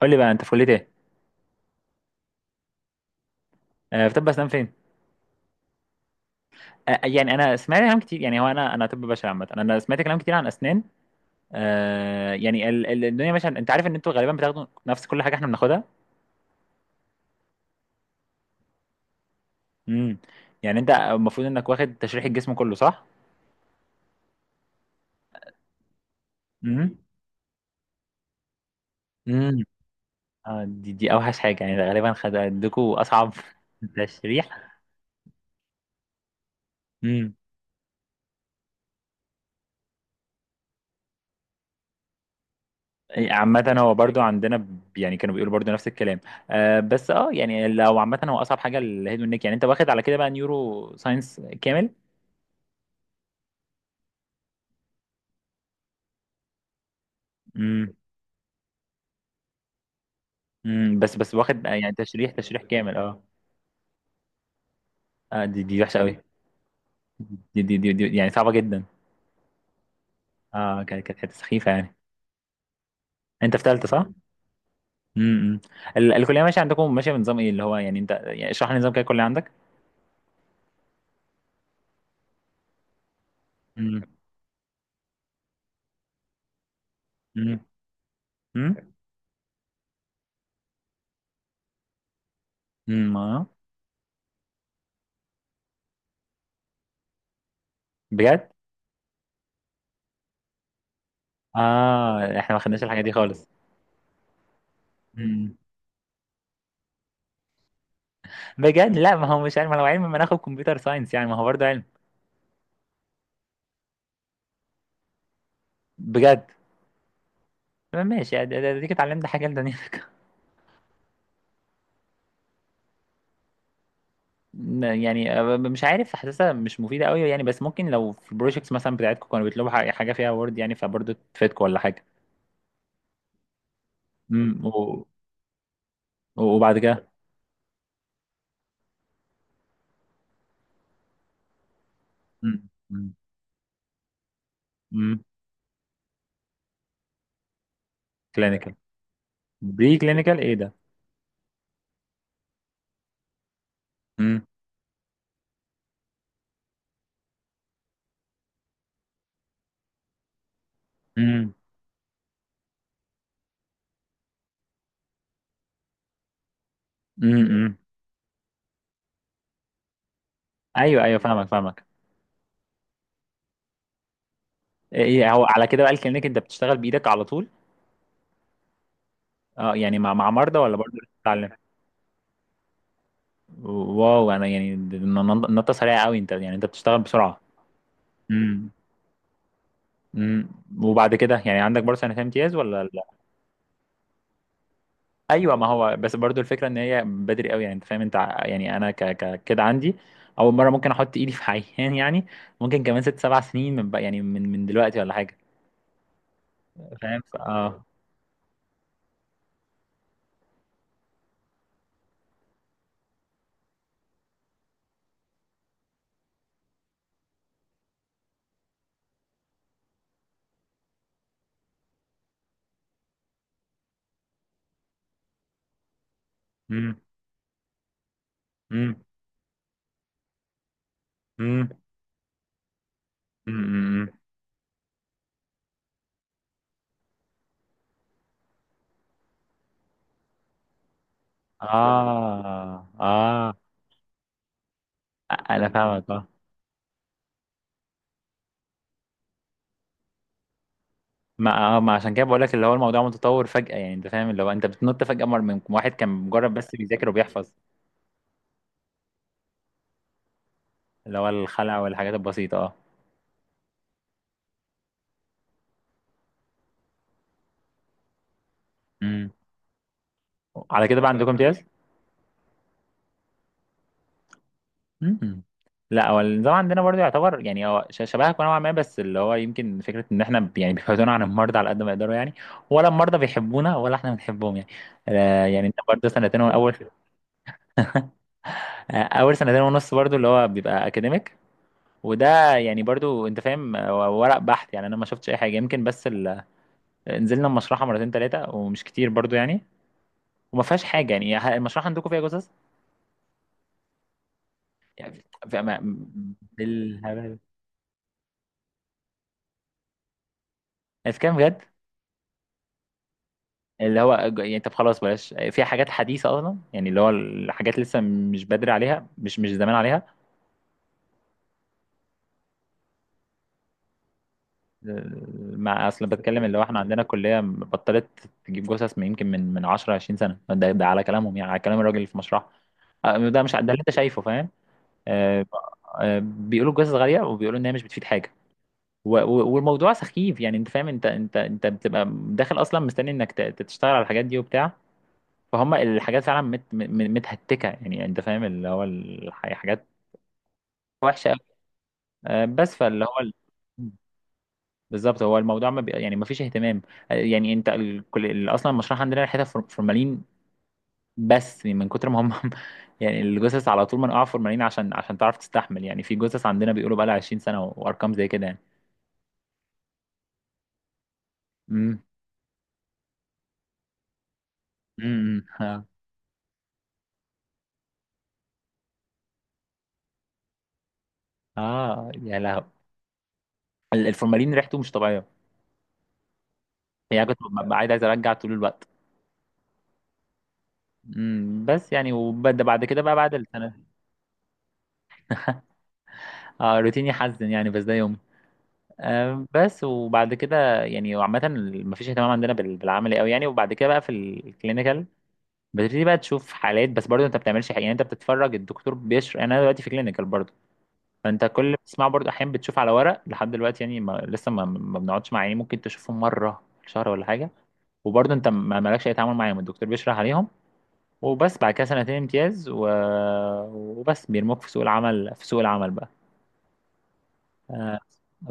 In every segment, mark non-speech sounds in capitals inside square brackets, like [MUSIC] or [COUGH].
قول لي بقى انت في كليه ايه؟ في طب اسنان فين؟ يعني انا سمعت كلام كتير، يعني هو انا طب بشري. عامه انا سمعت كلام كتير عن اسنان. يعني الدنيا ماشيه، انت عارف ان انتوا غالبا بتاخدوا نفس كل حاجه احنا بناخدها. امم يعني انت المفروض انك واخد تشريح الجسم كله، صح؟ امم امم دي اوحش حاجه، يعني غالبا خد عندكم اصعب. [LAUGHS] تشريح. امم عامة هو برضو عندنا يعني كانوا بيقولوا برضو نفس الكلام. آه بس يعني لو عامة هو أصعب حاجة الهيد والنيك. يعني أنت واخد على كده بقى نيورو ساينس كامل؟ امم بس واخد يعني تشريح كامل، اه. اه دي وحشه قوي. دي يعني صعبه جدا. اه كانت حته سخيفه يعني. انت في ثالثه صح؟ امم. الكليه ماشيه عندكم، ماشيه بنظام ايه؟ اللي هو يعني انت يعني اشرح لي نظام كده الكليه عندك. امم امم امم اه، بجد؟ اه احنا ما خدناش الحاجه دي خالص. امم بجد؟ لا ما هو مش علم، ما لو علم ما ناخد كمبيوتر ساينس، يعني ما هو برضه علم. بجد؟ ماشي، اديك اتعلمت حاجه لدنيا. يعني مش عارف، حاسسها مش مفيدة قوي يعني، بس ممكن لو في البروجيكتس مثلا بتاعتكم كانوا بيطلبوا حاجة فيها وورد يعني، فبرضه تفيدكم ولا حاجة. امم و- وبعد كده. امم كلينيكال. بري كلينيكال، ايه ده؟ امم امم امم ايوه ايوه، فاهمك فاهمك. ايه هو على كده بقى الكلينيكال انت بتشتغل بإيدك على طول؟ اه، يعني مع مرضى ولا برضه بتتعلم؟ واو، انا يعني نطة سريعة قوي، انت يعني انت بتشتغل بسرعة. امم امم وبعد كده يعني عندك برضه سنتين امتياز ولا؟ ايوه، ما هو بس برضو الفكره ان هي بدري قوي. يعني انت فاهم، انت يعني انا ك ك كده عندي اول مره ممكن احط ايدي في عيان، يعني ممكن كمان ست سبع سنين من بقى، يعني من دلوقتي ولا حاجه. فاهم، امم امم امم امم اه اه. انا فاهمك، اه. ما عشان كده بقول لك، اللي هو الموضوع متطور فجاه. يعني انت فاهم، اللي هو انت بتنط فجاه، مر من واحد كان مجرد بس بيذاكر وبيحفظ. اللي هو الخلع والحاجات البسيطه، اه. امم على كده بقى عندكم امتياز؟ مم. لا هو النظام عندنا برضه يعتبر يعني هو شبهك نوعا ما، بس اللي هو يمكن فكره ان احنا يعني بيبعدونا عن المرضى على قد ما يقدروا يعني، ولا المرضى بيحبونا ولا احنا بنحبهم يعني. يعني انت برضه سنتين اول. [LAUGHS] اول سنتين ونص برضو اللي هو بيبقى اكاديميك. وده يعني برضو انت فاهم، هو ورق بحث، يعني انا ما شفتش اي حاجه يمكن بس ال... نزلنا المشرحه مرتين ثلاثه ومش كتير برضو يعني. وما فيهاش حاجه يعني، المشرحه عندكم فيها جثث؟ يعني في... ما... بالهبل الكلام، بجد؟ اللي هو يعني طب خلاص بلاش، في حاجات حديثة أصلا، يعني اللي هو الحاجات لسه مش بدري عليها، مش زمان عليها. مع أصلا بتكلم، اللي هو إحنا عندنا كلية بطلت تجيب جثث من يمكن من 10 20 سنة، ده على كلامهم يعني، على كلام الراجل اللي في مشروعها. ده مش ده اللي أنت شايفه، فاهم؟ آه، بيقولوا الجثث غالية، وبيقولوا إن هي مش بتفيد حاجة والموضوع سخيف. يعني أنت فاهم، أنت بتبقى داخل أصلا مستني إنك تشتغل على الحاجات دي وبتاع، فهم الحاجات فعلا متهتكه، يعني يعني انت فاهم، اللي هو الحاجات وحشه قوي. بس فاللي هو بالظبط. هو الموضوع ما بي... يعني ما فيش اهتمام. يعني انت ال... كل... اصلا المشروع عندنا ريحتها فورمالين، بس يعني من كتر ما هم [LAUGHS] يعني الجثث على طول منقوعه فورمالين عشان عشان تعرف تستحمل، يعني في جثث عندنا بيقولوا بقى لها 20 سنه وارقام زي كده يعني. امم امم اه يا لهو، الفورمالين ريحته مش طبيعيه، يعني كنت ببقى عايز ارجع طول الوقت. بس يعني وبعد كده بقى بعد السنه. [LAUGHS] اه روتيني حزن يعني، بس ده يوم. بس وبعد كده يعني عامة مفيش اهتمام عندنا بالعملي قوي يعني. وبعد كده بقى في الكلينيكال بتبتدي بقى تشوف حالات، بس برضه انت بتعملش حاجة. يعني انت بتتفرج، الدكتور بيشرح. يعني انا دلوقتي في كلينيكال برضه، فانت كل اللي بتسمعه برضه احيانا بتشوف على ورق لحد دلوقتي يعني، ما لسه ما بنقعدش مع، يعني ممكن تشوفهم مرة في الشهر ولا حاجة. وبرضه انت ما مالكش اي تعامل معاهم، الدكتور بيشرح عليهم. وبس بعد كده سنتين امتياز و... وبس بيرموك في سوق العمل، في سوق العمل بقى. آه،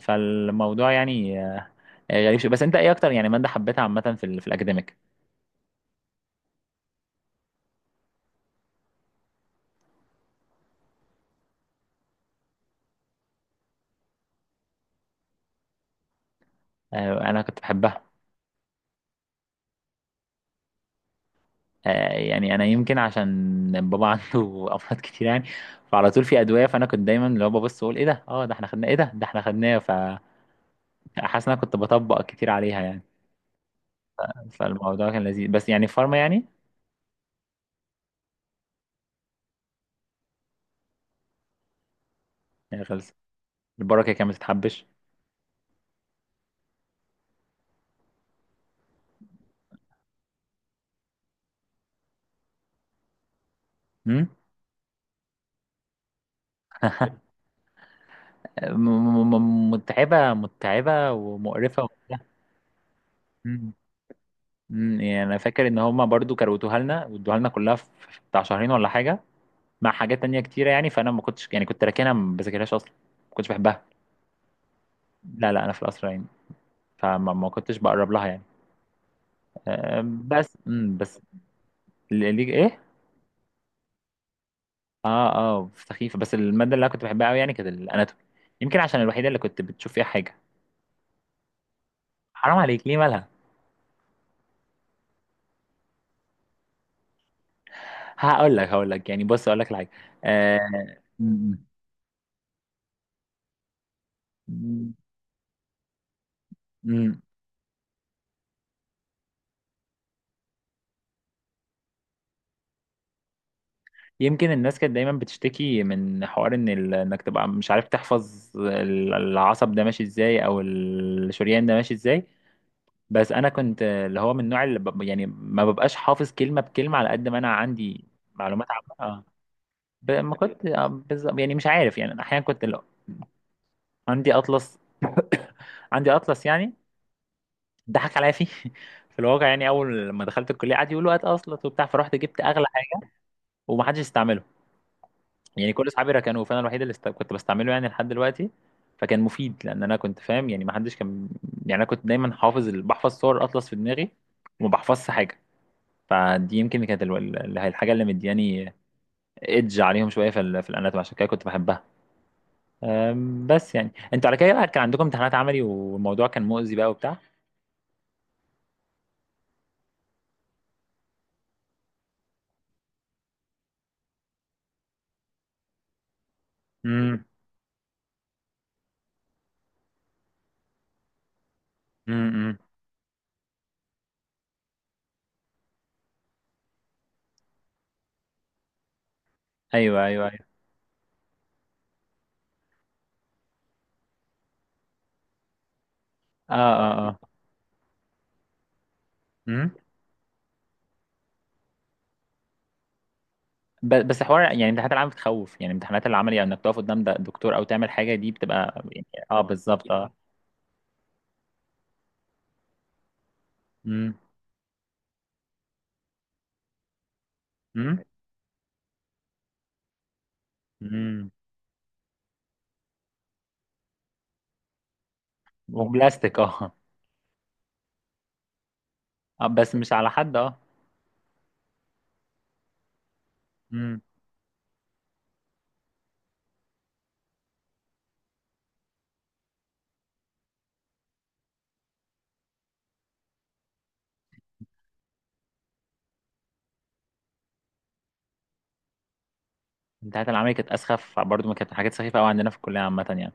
فالموضوع يعني غريب شوية. بس انت ايه اكتر يعني مادة حبيتها عامة في الاكاديميك؟ انا كنت بحبها. آه، يعني انا يمكن عشان بابا [LAUGHS] عنده امراض كتير يعني، فعلى طول في ادوية، فانا كنت دايما اللي هو ببص اقول ايه ده، اه ده احنا خدناه، ايه ده، ده احنا خدناه، فحاسس ان انا كنت بطبق كتير عليها يعني. فالموضوع كان لذيذ، بس يعني فارما يعني. يعني خلص، البركة كانت بتتحبش. مم؟ [LAUGHS] متعبة متعبة ومقرفة وبتاع. يعني انا فاكر ان هما برضو كروتوها لنا وادوها لنا كلها في بتاع شهرين ولا حاجه، مع حاجات تانية كتيره يعني، فانا ما كنتش يعني كنت راكنها ما بذاكرهاش اصلا، ما كنتش بحبها. لا لا، انا في القصر يعني، فما ما كنتش بقرب لها يعني. أم، بس بس ايه؟ اه اه سخيفه. بس الماده اللي انا كنت بحبها قوي يعني كانت الاناتومي. يمكن عشان الوحيده اللي كنت بتشوف فيها حاجه. حرام عليك، ليه مالها؟ هقول لك يعني، بص اقول لك الحاجه. آه... امم يمكن الناس كانت دايما بتشتكي من حوار ان ال... انك تبقى مش عارف تحفظ العصب ده ماشي ازاي او الشريان ده ماشي ازاي. بس انا كنت اللي هو من النوع اللي ب... يعني ما ببقاش حافظ كلمة بكلمة، على قد ما انا عندي معلومات عامة، اه. ب... ما كنت آه، بالظبط يعني. مش عارف، يعني أنا احيانا كنت لو عندي اطلس [COUGHS] عندي اطلس يعني، ضحك عليا فيه. [LAUGHS] في الواقع يعني اول ما دخلت الكلية قعد يقولوا هات اطلس وبتاع، فرحت جبت اغلى حاجة. ومحدش استعمله، يعني كل اصحابي ركنوه، فانا الوحيد اللي است... كنت بستعمله يعني لحد دلوقتي. فكان مفيد، لان انا كنت فاهم، يعني ما حدش كان. يعني انا كنت دايما حافظ ال... بحفظ صور اطلس في دماغي، وما بحفظش حاجه. فدي يمكن كانت ال... الحاجه اللي مدياني ايدج عليهم شويه في ال... في الاناتومي، عشان كده كنت بحبها. بس يعني انتوا على كده بقى كان عندكم امتحانات عملي والموضوع كان مؤذي بقى وبتاع. امم أمم. ايوه ايوه ايوه، اه اه اه. بس حوار يعني امتحانات العمل بتخوف، يعني امتحانات العمل يعني انك تقف قدام ده دكتور او تعمل حاجه دي بتبقى يعني اه بالظبط اه. امم امم امم وبلاستيك اه. اه بس مش على حد اه. امم امتحانات العمل كانت اسخف برضو، ما كانت حاجات سخيفه قوي عندنا في الكليه عامه يعني.